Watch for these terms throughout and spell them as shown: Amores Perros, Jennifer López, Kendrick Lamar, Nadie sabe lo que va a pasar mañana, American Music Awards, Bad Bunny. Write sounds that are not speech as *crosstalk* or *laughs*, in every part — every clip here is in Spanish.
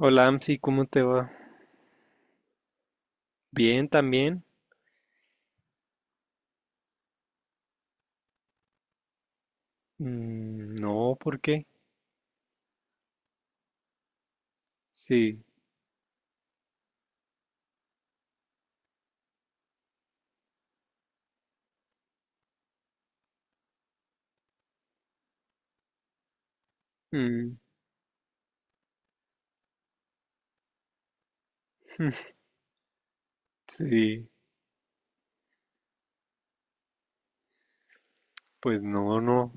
Hola, Amsi, ¿cómo te va? Bien, también. Mm, no, ¿por qué? Sí. Mm. *laughs* Sí, pues no.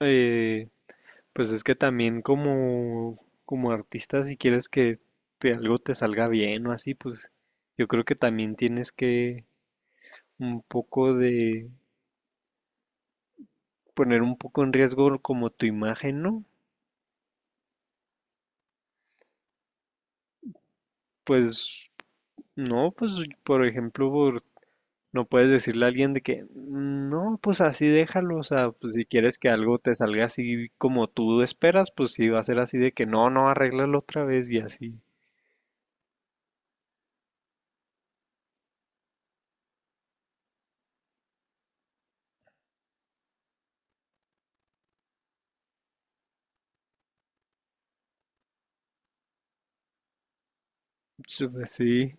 Eh, pues es que también como, como artista, si quieres que algo te salga bien o así, pues yo creo que también tienes que un poco de poner un poco en riesgo como tu imagen, ¿no? Pues no, pues por ejemplo, no puedes decirle a alguien de que, no, pues así déjalo, o sea, pues si quieres que algo te salga así como tú esperas, pues sí va a ser así de que, no, arréglalo otra vez y así. Sí, pues sí,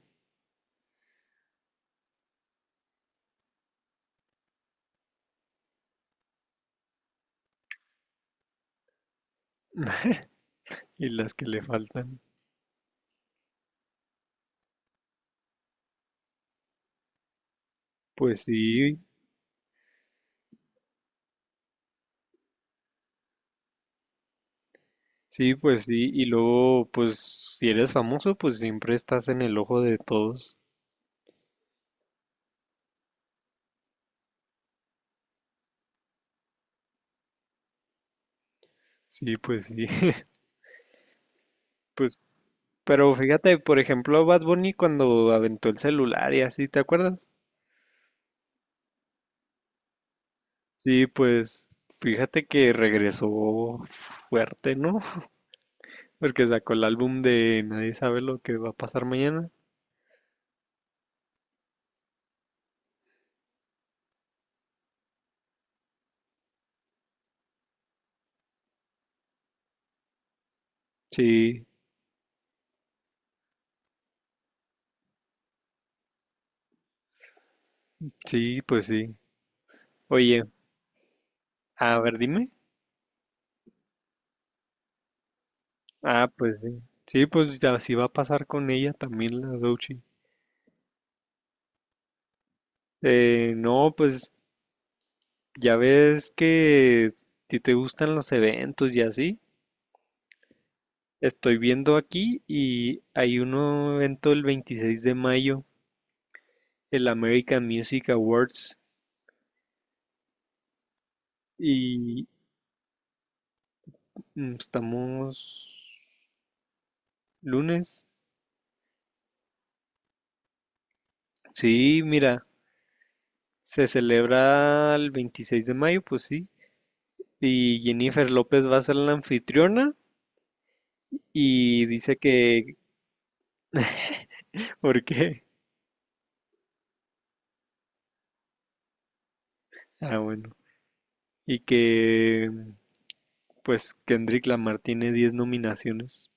y las que le faltan. Pues sí, sí, pues sí, y luego, pues si eres famoso, pues siempre estás en el ojo de todos. Sí, pues sí. *laughs* Pues, pero fíjate, por ejemplo, Bad Bunny cuando aventó el celular y así, ¿te acuerdas? Sí, pues, fíjate que regresó fuerte, ¿no? Porque sacó el álbum de Nadie sabe lo que va a pasar mañana. Sí, sí, pues sí. Oye, a ver, dime. Ah, pues sí. Sí, pues ya así va a pasar con ella también la Dochi. No, pues ya ves que a te gustan los eventos y así. Estoy viendo aquí y hay un evento el 26 de mayo, el American Music Awards. Y estamos lunes. Sí, mira. Se celebra el 26 de mayo, pues sí. Y Jennifer López va a ser la anfitriona y dice que... *laughs* ¿Por qué? Ah, bueno. Y que pues Kendrick Lamar tiene 10 nominaciones.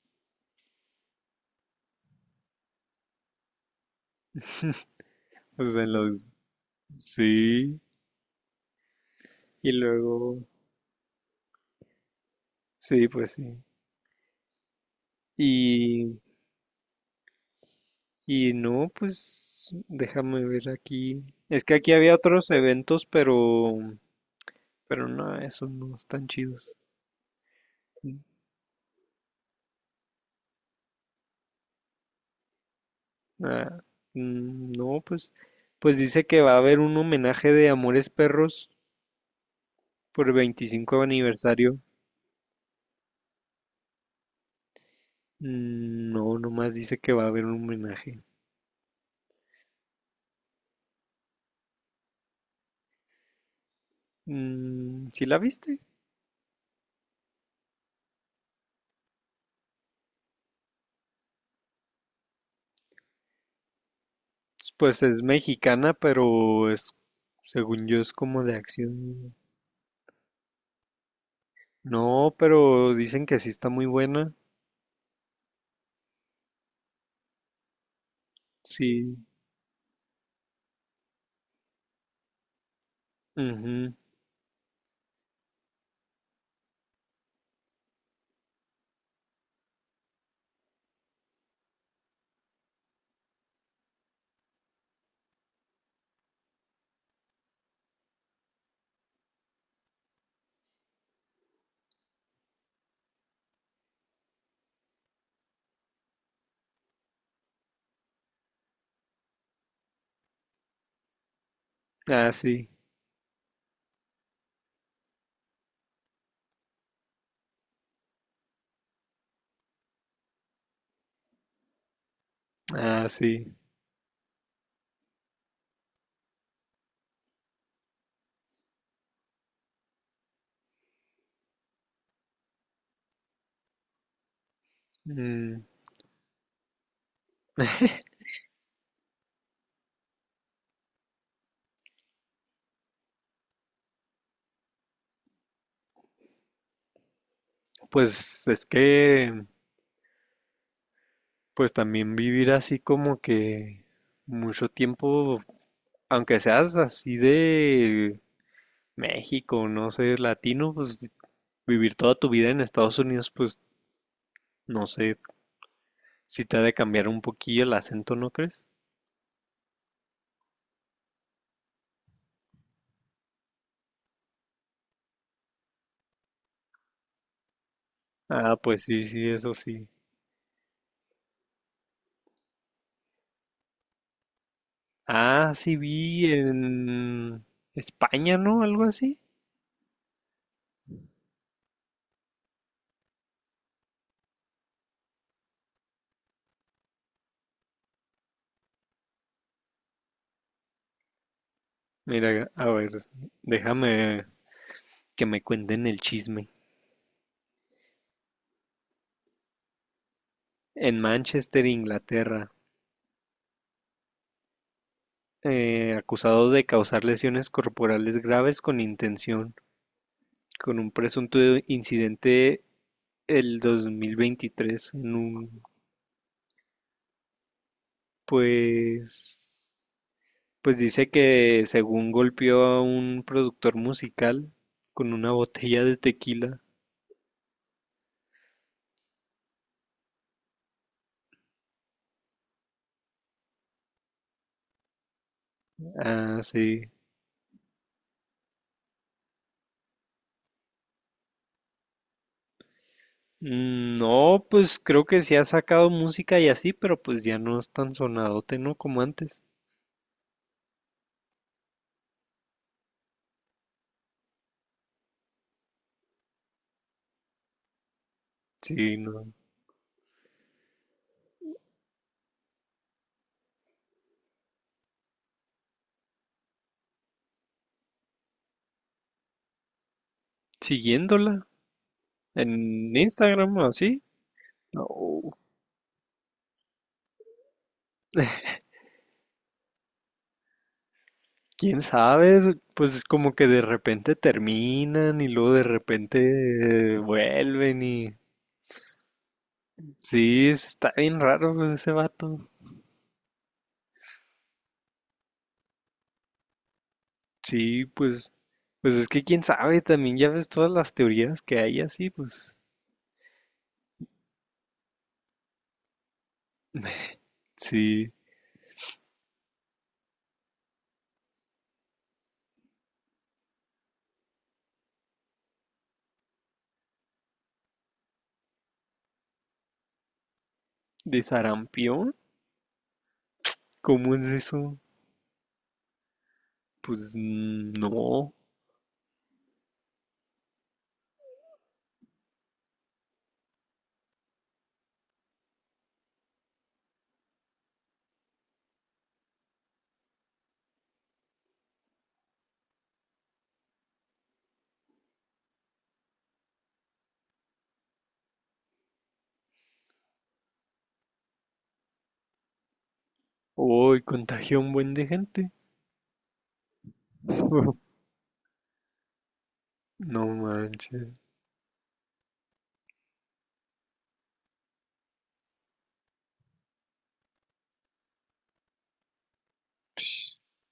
O sea, en los... Sí. Y luego... Sí, pues sí. Y, y no, pues déjame ver aquí. Es que aquí había otros eventos, pero no, esos no están chidos. Ah, mm, no, pues, pues dice que va a haber un homenaje de Amores Perros por 25 aniversario. Mm, no, nomás dice que va a haber un homenaje. Mm, ¿sí la viste? Pues es mexicana, pero es, según yo, es como de acción. No, pero dicen que sí está muy buena. Sí. Ujú. Ah, sí. Ah, sí. Mm, pues es que pues también vivir así como que mucho tiempo, aunque seas así de México, no sé, latino, pues vivir toda tu vida en Estados Unidos, pues no sé, si te ha de cambiar un poquillo el acento, ¿no crees? Ah, pues sí, sí, eso sí. Ah, sí vi en España, ¿no? Algo así. Mira, a ver, déjame que me cuenten el chisme. En Manchester, Inglaterra. Acusados de causar lesiones corporales graves con intención, con un presunto incidente el 2023 en un, pues pues dice que según golpeó a un productor musical con una botella de tequila. Ah, sí. Mm, no, pues creo que sí ha sacado música y así, pero pues ya no es tan sonadote, ¿no? Como antes. Sí, no. Siguiéndola en Instagram o así. No. *laughs* Quién sabe, pues es como que de repente terminan y luego de repente vuelven y sí, está bien raro pues, ese vato. Sí, pues, pues es que quién sabe, también ya ves todas las teorías que hay así, pues sí, de sarampión, ¿cómo es eso? Pues mm, no, hoy contagió a un buen de gente. *laughs* No manches. *laughs*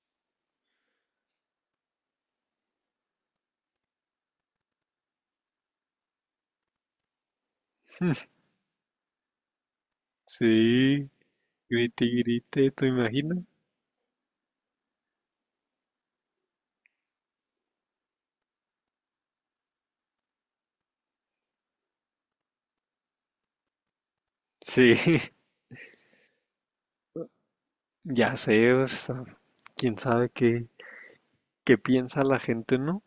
Sí, grite y grite, ¿te imaginas? Sí. *laughs* Ya sé, o sea, quién sabe qué, qué piensa la gente, ¿no?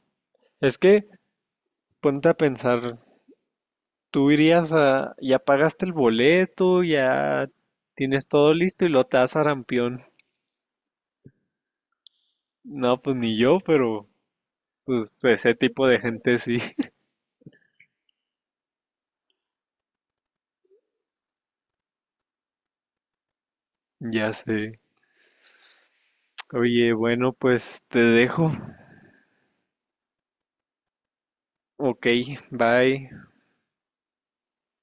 Es que ponte a pensar, tú irías a, ya pagaste el boleto, ya tienes todo listo y lo te das arampión. No, pues ni yo, pero pues ese tipo de gente sí. *laughs* Ya sé. Oye, bueno, pues te dejo. Ok, bye.